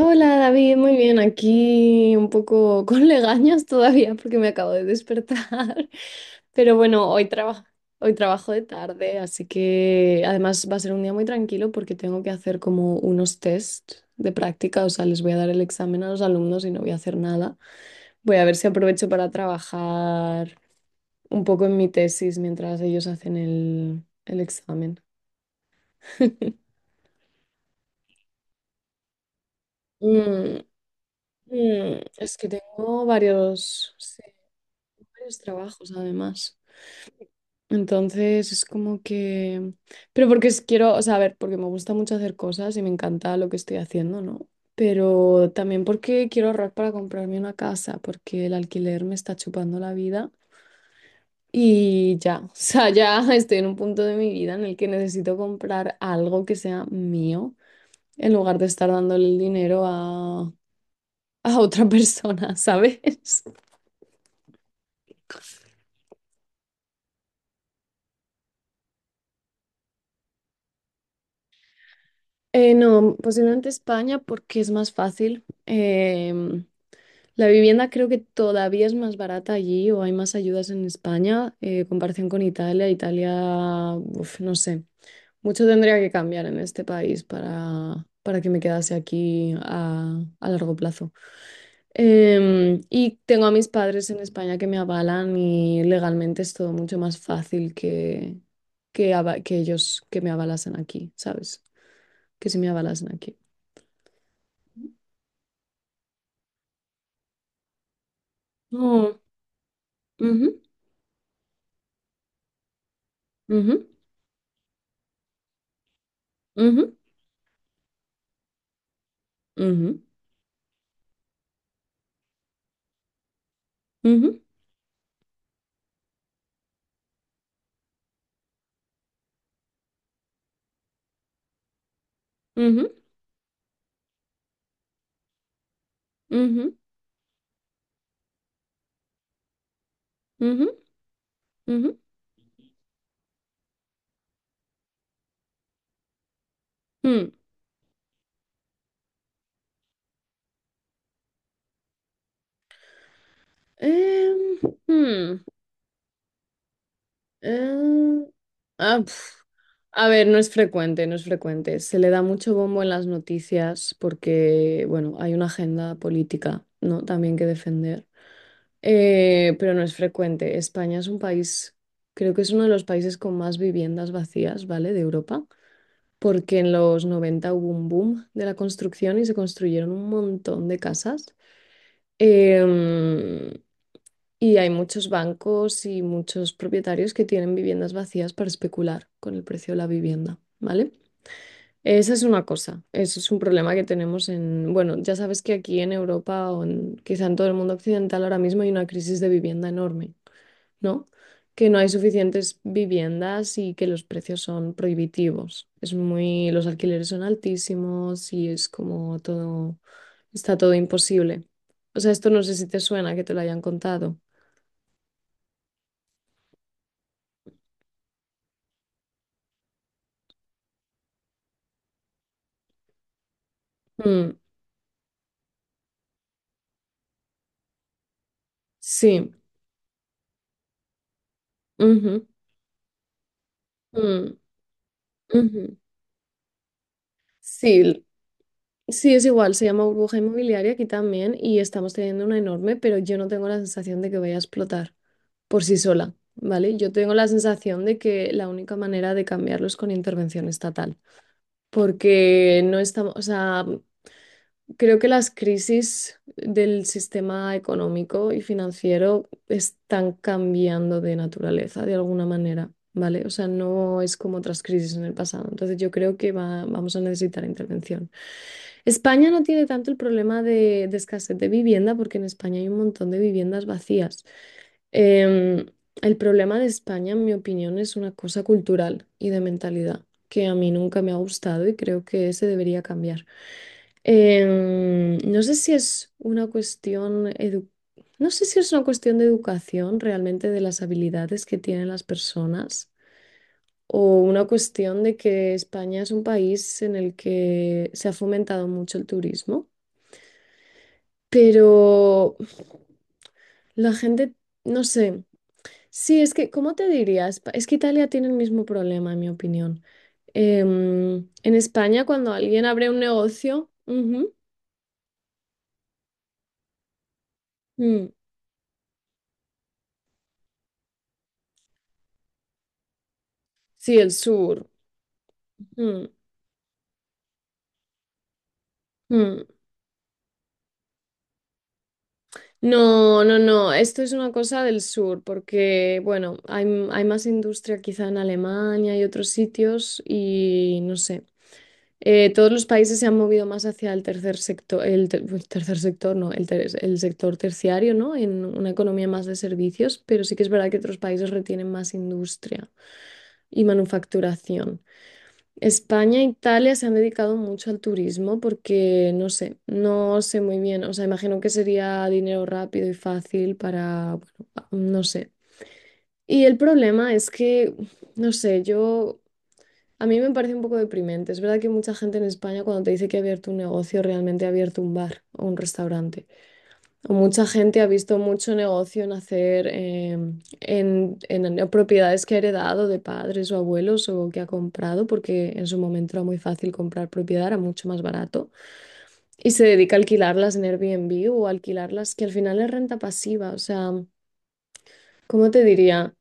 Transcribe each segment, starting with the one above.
Hola David, muy bien, aquí un poco con legañas todavía porque me acabo de despertar, pero bueno, hoy trabajo de tarde, así que además va a ser un día muy tranquilo porque tengo que hacer como unos test de práctica, o sea, les voy a dar el examen a los alumnos y no voy a hacer nada. Voy a ver si aprovecho para trabajar un poco en mi tesis mientras ellos hacen el examen. Mm, es que tengo varios, sí, varios trabajos además. Entonces es como que. Pero porque quiero, o sea, a ver, porque me gusta mucho hacer cosas y me encanta lo que estoy haciendo, ¿no? Pero también porque quiero ahorrar para comprarme una casa, porque el alquiler me está chupando la vida y ya, o sea, ya estoy en un punto de mi vida en el que necesito comprar algo que sea mío en lugar de estar dándole el dinero a otra persona, ¿sabes? No, posiblemente España porque es más fácil. La vivienda creo que todavía es más barata allí o hay más ayudas en España, en comparación con Italia. Italia, uf, no sé, mucho tendría que cambiar en este país para que me quedase aquí a largo plazo. Y tengo a mis padres en España que me avalan y legalmente es todo mucho más fácil que ellos que me avalasen aquí, ¿sabes? Que si me avalasen aquí. No. Ujú, ujú, ujú, ujú, ujú, ujú, ujú, ujú, ujú, mm. Em, hmm, em, ah, pf. A ver, no es frecuente, no es frecuente. Se le da mucho bombo en las noticias porque, bueno, hay una agenda política, ¿no? También que defender. Pero no es frecuente. España es un país, creo que es uno de los países con más viviendas vacías, ¿vale? De Europa. Porque en los 90 hubo un boom de la construcción y se construyeron un montón de casas. Em, y hay muchos bancos y muchos propietarios que tienen viviendas vacías para especular con el precio de la vivienda, ¿vale? Esa es una cosa, eso es un problema que tenemos en, bueno, ya sabes que aquí en Europa o en, quizá en todo el mundo occidental ahora mismo hay una crisis de vivienda enorme. ¿No? Que no hay suficientes viviendas y que los precios son prohibitivos. Los alquileres son altísimos y es como todo, está todo imposible. O sea, esto no sé si te suena que te lo hayan contado. Mm, sí. Ujú, mm, ujú. Sí, sí, es igual, se llama burbuja inmobiliaria aquí también y estamos teniendo una enorme, pero yo no tengo la sensación de que vaya a explotar por sí sola, ¿vale? Yo tengo la sensación de que la única manera de cambiarlo es con intervención estatal, porque no estamos, o sea, creo que las crisis del sistema económico y financiero están cambiando de naturaleza de alguna manera, ¿vale? O sea, no es como otras crisis en el pasado, entonces yo creo que vamos a necesitar intervención. España no tiene tanto el problema de escasez de vivienda porque en España hay un montón de viviendas vacías. Em, el problema de España, en mi opinión, es una cosa cultural y de mentalidad que a mí nunca me ha gustado y creo que se debería cambiar. Em, no sé si es una cuestión edu- no sé si es una cuestión de educación realmente de las habilidades que tienen las personas. O una cuestión de que España es un país en el que se ha fomentado mucho el turismo. Pero la gente, no sé. Sí, es que, ¿cómo te dirías? Es que Italia tiene el mismo problema, en mi opinión. En España, cuando alguien abre un negocio, ujú, mm, sí, el sur. Mm, mm. No, no, no, esto es una cosa del sur, porque, bueno, hay más industria quizá en Alemania y otros sitios y no sé. Todos los países se han movido más hacia el tercer sector, pues, tercer sector, no, el sector terciario, ¿no? En una economía más de servicios, pero sí que es verdad que otros países retienen más industria y manufacturación. España e Italia se han dedicado mucho al turismo porque, no sé, no sé muy bien, o sea, imagino que sería dinero rápido y fácil para, bueno, no sé. Y el problema es que, no sé, yo. A mí me parece un poco deprimente. Es verdad que mucha gente en España cuando te dice que ha abierto un negocio, realmente ha abierto un bar o un restaurante. O mucha gente ha visto mucho negocio nacer en propiedades que ha heredado de padres o abuelos o que ha comprado, porque en su momento era muy fácil comprar propiedad, era mucho más barato. Y se dedica a alquilarlas en Airbnb o alquilarlas, que al final es renta pasiva. O sea, ¿cómo te diría?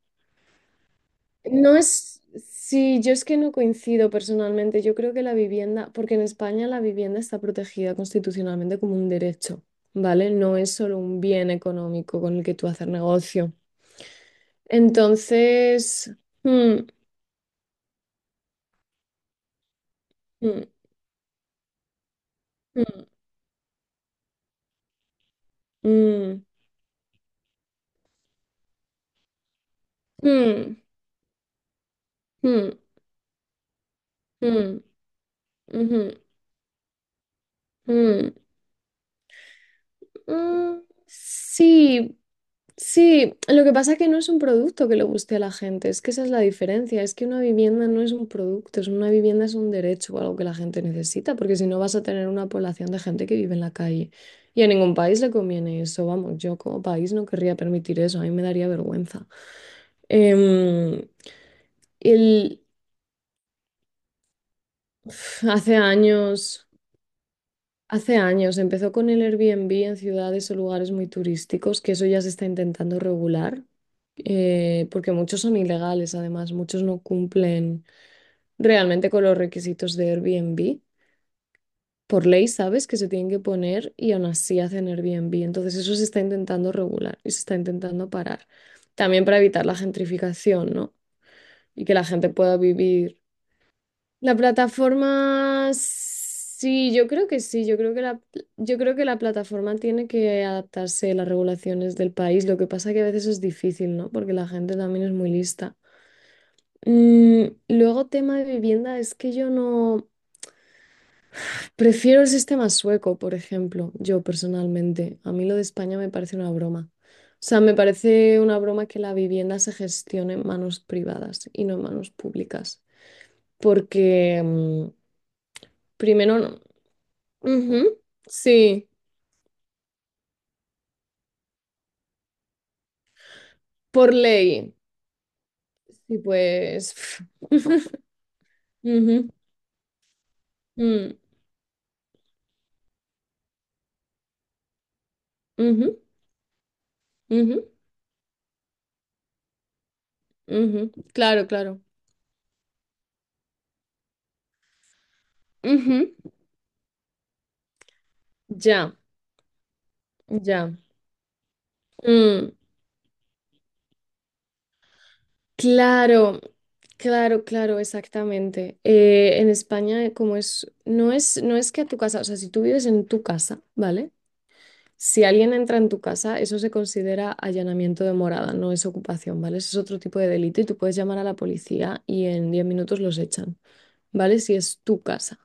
No es, sí, yo es que no coincido personalmente. Yo creo que la vivienda, porque en España la vivienda está protegida constitucionalmente como un derecho, ¿vale? No es solo un bien económico con el que tú hacer negocio. Entonces, mm, mm, mm, mm, mm, mm, mm, ujú, mm, mm, mm, sí. Sí, lo que pasa es que no es un producto que le guste a la gente, es que esa es la diferencia, es que una vivienda no es un producto, es una vivienda es un derecho o algo que la gente necesita, porque si no vas a tener una población de gente que vive en la calle. Y a ningún país le conviene eso, vamos, yo como país no querría permitir eso, a mí me daría vergüenza. Em, el, hace años... Hace años empezó con el Airbnb en ciudades o lugares muy turísticos, que eso ya se está intentando regular, porque muchos son ilegales, además, muchos no cumplen realmente con los requisitos de Airbnb. Por ley sabes que se tienen que poner y aún así hacen Airbnb. Entonces eso se está intentando regular y se está intentando parar. También para evitar la gentrificación, ¿no? Y que la gente pueda vivir. La plataforma, sí, yo creo que sí, yo creo que la plataforma tiene que adaptarse a las regulaciones del país. Lo que pasa que a veces es difícil, ¿no? Porque la gente también es muy lista. Luego, tema de vivienda, es que yo no prefiero el sistema sueco, por ejemplo, yo personalmente. A mí lo de España me parece una broma. O sea, me parece una broma que la vivienda se gestione en manos privadas y no en manos públicas. Porque, primero, no. Ujú, sí, por ley. Y pues. Ujú, mm, ujú, ujú, ujú, claro, claro. Ujú, ya, ya. Mm, claro, claro, claro, exactamente. En España, como es, no es que a tu casa, o sea, si tú vives en tu casa, ¿vale? Si alguien entra en tu casa, eso se considera allanamiento de morada, no es ocupación, ¿vale? Eso es otro tipo de delito y tú puedes llamar a la policía y en 10 minutos los echan. ¿Vale? Si es tu casa.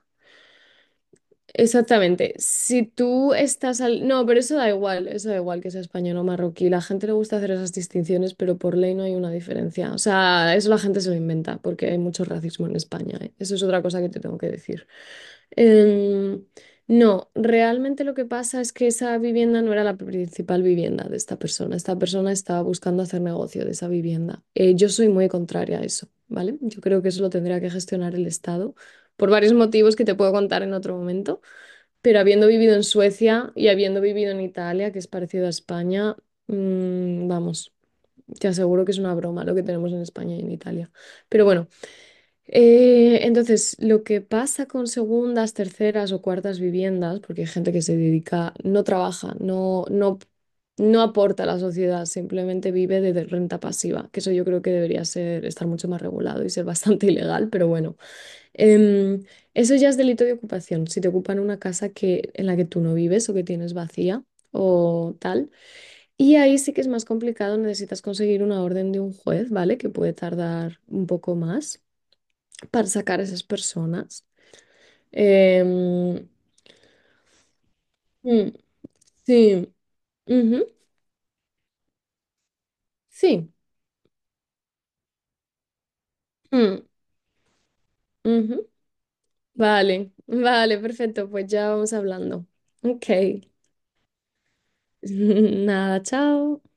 Exactamente. Si tú estás al. No, pero eso da igual que sea español o marroquí. La gente le gusta hacer esas distinciones, pero por ley no hay una diferencia. O sea, eso la gente se lo inventa porque hay mucho racismo en España, ¿eh? Eso es otra cosa que te tengo que decir. Em, no, realmente lo que pasa es que esa vivienda no era la principal vivienda de esta persona. Esta persona estaba buscando hacer negocio de esa vivienda. Yo soy muy contraria a eso, ¿vale? Yo creo que eso lo tendría que gestionar el Estado por varios motivos que te puedo contar en otro momento, pero habiendo vivido en Suecia y habiendo vivido en Italia, que es parecido a España, vamos, te aseguro que es una broma lo que tenemos en España y en Italia. Pero bueno, entonces lo que pasa con segundas, terceras o cuartas viviendas, porque hay gente que se dedica, no trabaja, no, no, no aporta a la sociedad, simplemente vive de renta pasiva, que eso yo creo que debería ser, estar mucho más regulado y ser bastante ilegal, pero bueno. Em, Eso ya es delito de ocupación. Si te ocupan una casa que, en la que tú no vives o que tienes vacía o tal. Y ahí sí que es más complicado, necesitas conseguir una orden de un juez, ¿vale? Que puede tardar un poco más para sacar a esas personas. Em, mm, sí, ujú, sí. Mm, ujú. Vale, vale, perfecto. Pues ya vamos hablando. Ok. Nada, chao.